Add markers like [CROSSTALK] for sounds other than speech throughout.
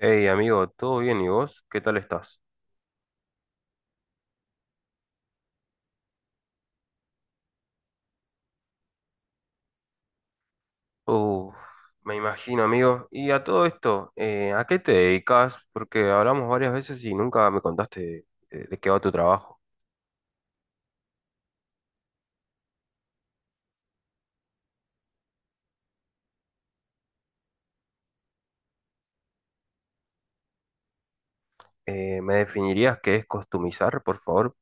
Hey amigo, ¿todo bien y vos? ¿Qué tal estás? Uf, me imagino amigo. Y a todo esto, ¿a qué te dedicas? Porque hablamos varias veces y nunca me contaste qué va tu trabajo. ¿Me definirías qué es customizar, por favor?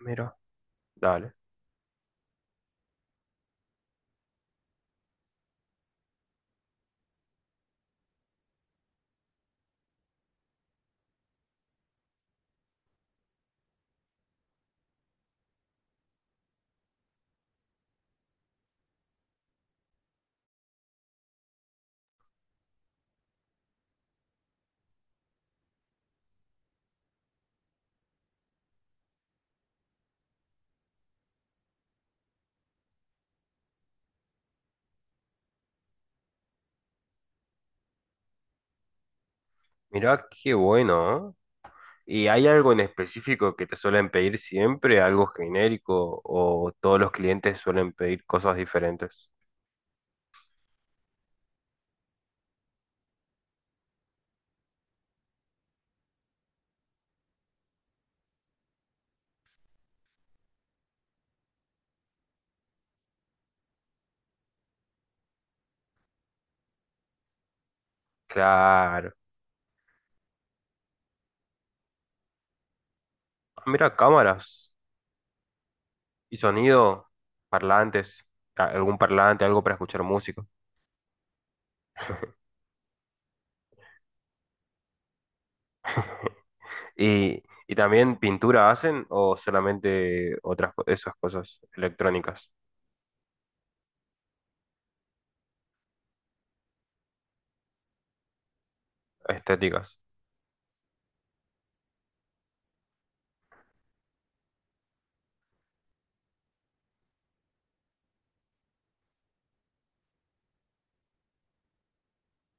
Mira, dale. Mira, qué bueno. ¿Eh? ¿Y hay algo en específico que te suelen pedir siempre? ¿Algo genérico? ¿O todos los clientes suelen pedir cosas diferentes? Claro. Ah, mira, cámaras. Y sonido, parlantes, algún parlante, algo para escuchar música. Y, y también pintura hacen o solamente esas cosas electrónicas, estéticas.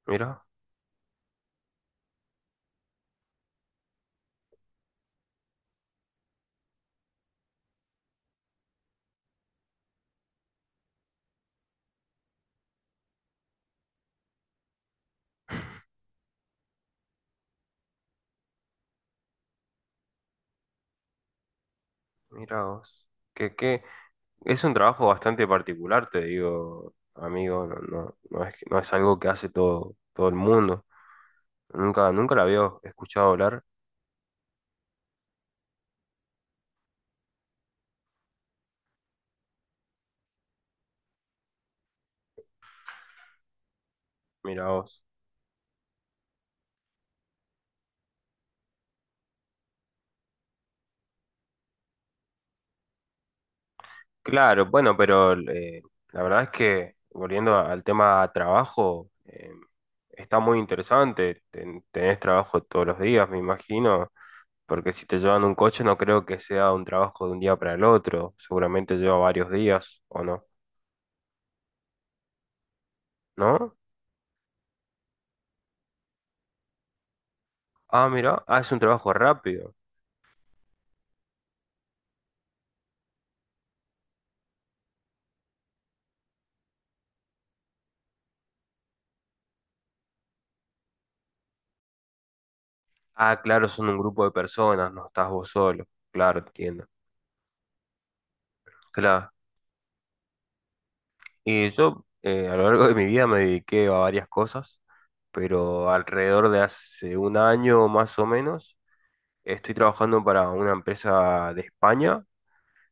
Mira, mira vos. Que es un trabajo bastante particular, te digo, amigo, no es algo que hace todo el mundo. Nunca la había escuchado hablar. Mira vos. Claro, bueno, pero la verdad es que volviendo al tema trabajo, está muy interesante. Tenés trabajo todos los días, me imagino, porque si te llevan un coche no creo que sea un trabajo de un día para el otro. Seguramente lleva varios días, ¿o no? ¿No? Ah, mira, ah, es un trabajo rápido. Ah, claro, son un grupo de personas, no estás vos solo. Claro, entiendo. Claro. Y yo a lo largo de mi vida me dediqué a varias cosas, pero alrededor de hace un año más o menos estoy trabajando para una empresa de España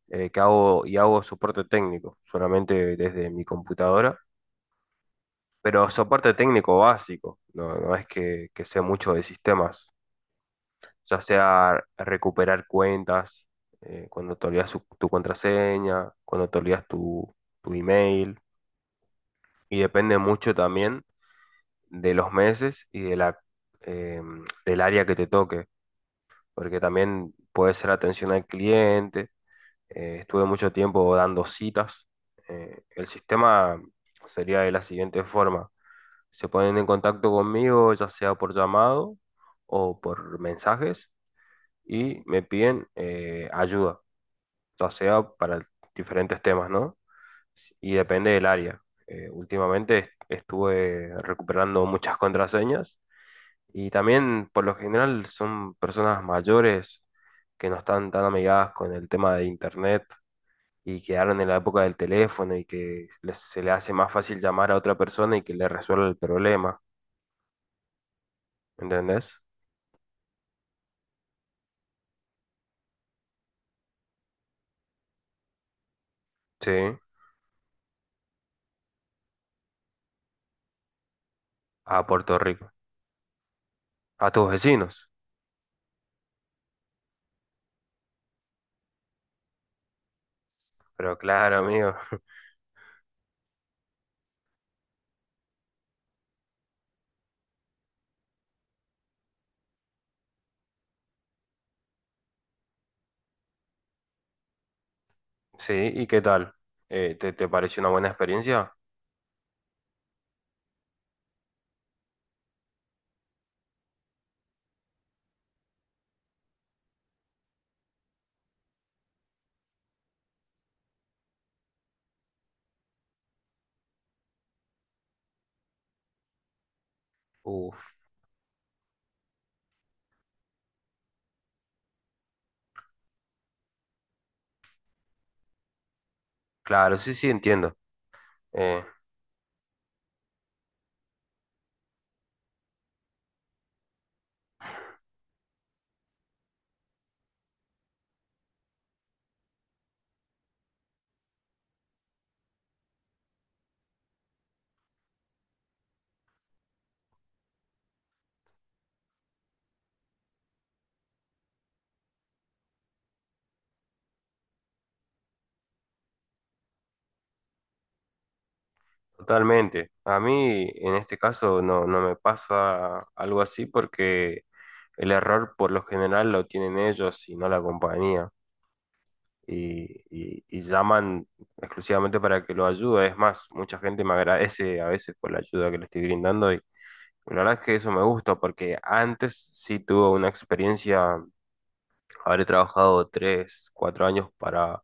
que hago y hago soporte técnico, solamente desde mi computadora, pero soporte técnico básico, no es que sé mucho de sistemas, ya sea recuperar cuentas, cuando te olvidas tu contraseña, cuando te olvidas tu email, y depende mucho también de los meses y de eh, del área que te toque, porque también puede ser atención al cliente. Estuve mucho tiempo dando citas. El sistema sería de la siguiente forma. Se ponen en contacto conmigo, ya sea por llamado o por mensajes, y me piden ayuda, ya sea para diferentes temas, ¿no? Y depende del área. Últimamente estuve recuperando muchas contraseñas. Y también, por lo general, son personas mayores que no están tan amigadas con el tema de internet y quedaron en la época del teléfono y que se le hace más fácil llamar a otra persona y que le resuelva el problema, ¿entendés? Sí, a Puerto Rico, a tus vecinos. Pero claro, amigo, [LAUGHS] sí, ¿y qué tal? ¿Te, te pareció una buena experiencia? Uf, claro, sí, sí, entiendo. Eh, totalmente. A mí, en este caso, no, no me pasa algo así porque el error por lo general lo tienen ellos y no la compañía. Y, y llaman exclusivamente para que lo ayude. Es más, mucha gente me agradece a veces por la ayuda que le estoy brindando y la verdad es que eso me gusta porque antes sí tuve una experiencia, habré trabajado tres, cuatro años para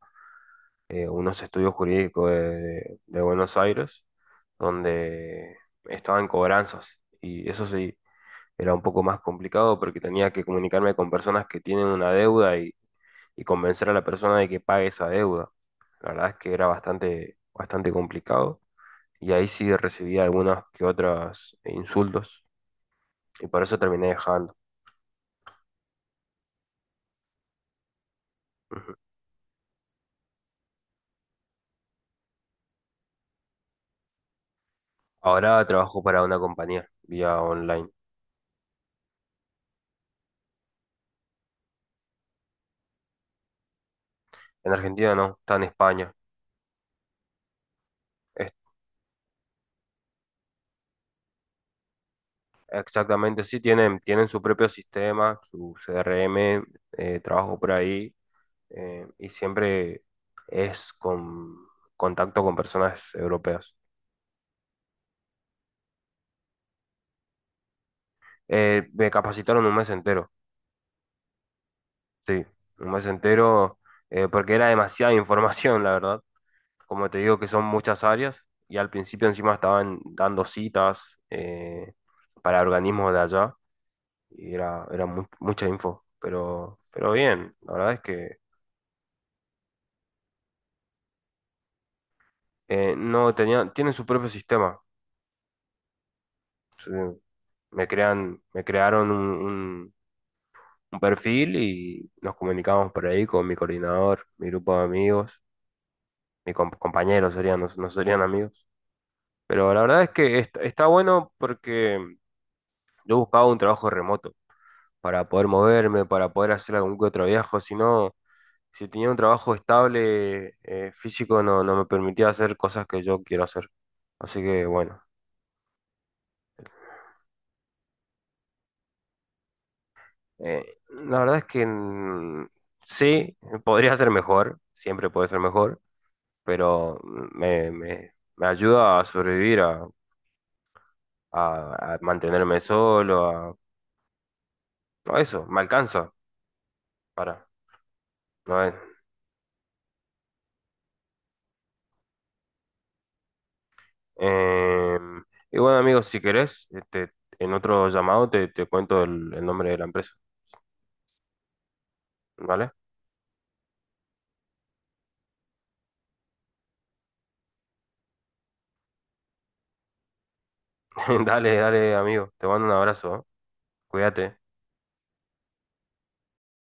unos estudios jurídicos de Buenos Aires donde estaba en cobranzas y eso sí era un poco más complicado porque tenía que comunicarme con personas que tienen una deuda y convencer a la persona de que pague esa deuda. La verdad es que era bastante, bastante complicado y ahí sí recibía algunas que otras insultos y por eso terminé dejando. Ujú. Ahora trabajo para una compañía vía online. En Argentina no, está en España. Es- Exactamente, sí, tienen, tienen su propio sistema, su CRM, trabajo por ahí y siempre es con contacto con personas europeas. Me capacitaron un mes entero. Sí, un mes entero, porque era demasiada información, la verdad. Como te digo, que son muchas áreas y al principio encima estaban dando citas eh, para organismos de allá y era, era mucha info, pero bien, la verdad es que no tenían, tienen su propio sistema. Sí, me crearon un perfil y nos comunicamos por ahí con mi coordinador, mi grupo de amigos, mis compañeros serían, no serían amigos. Pero la verdad es que está bueno porque yo buscaba un trabajo remoto para poder moverme, para poder hacer algún que otro viaje. Si no, si tenía un trabajo estable físico, no, no me permitía hacer cosas que yo quiero hacer. Así que bueno, la verdad es que sí, podría ser mejor, siempre puede ser mejor, pero me ayuda a sobrevivir, a, a mantenerme solo, a eso, me alcanza para, ¿no? Em, y bueno, amigos, si querés, este, en otro llamado te cuento el nombre de la empresa, ¿vale? [LAUGHS] Dale, dale, amigo. Te mando un abrazo, ¿eh? Cuídate.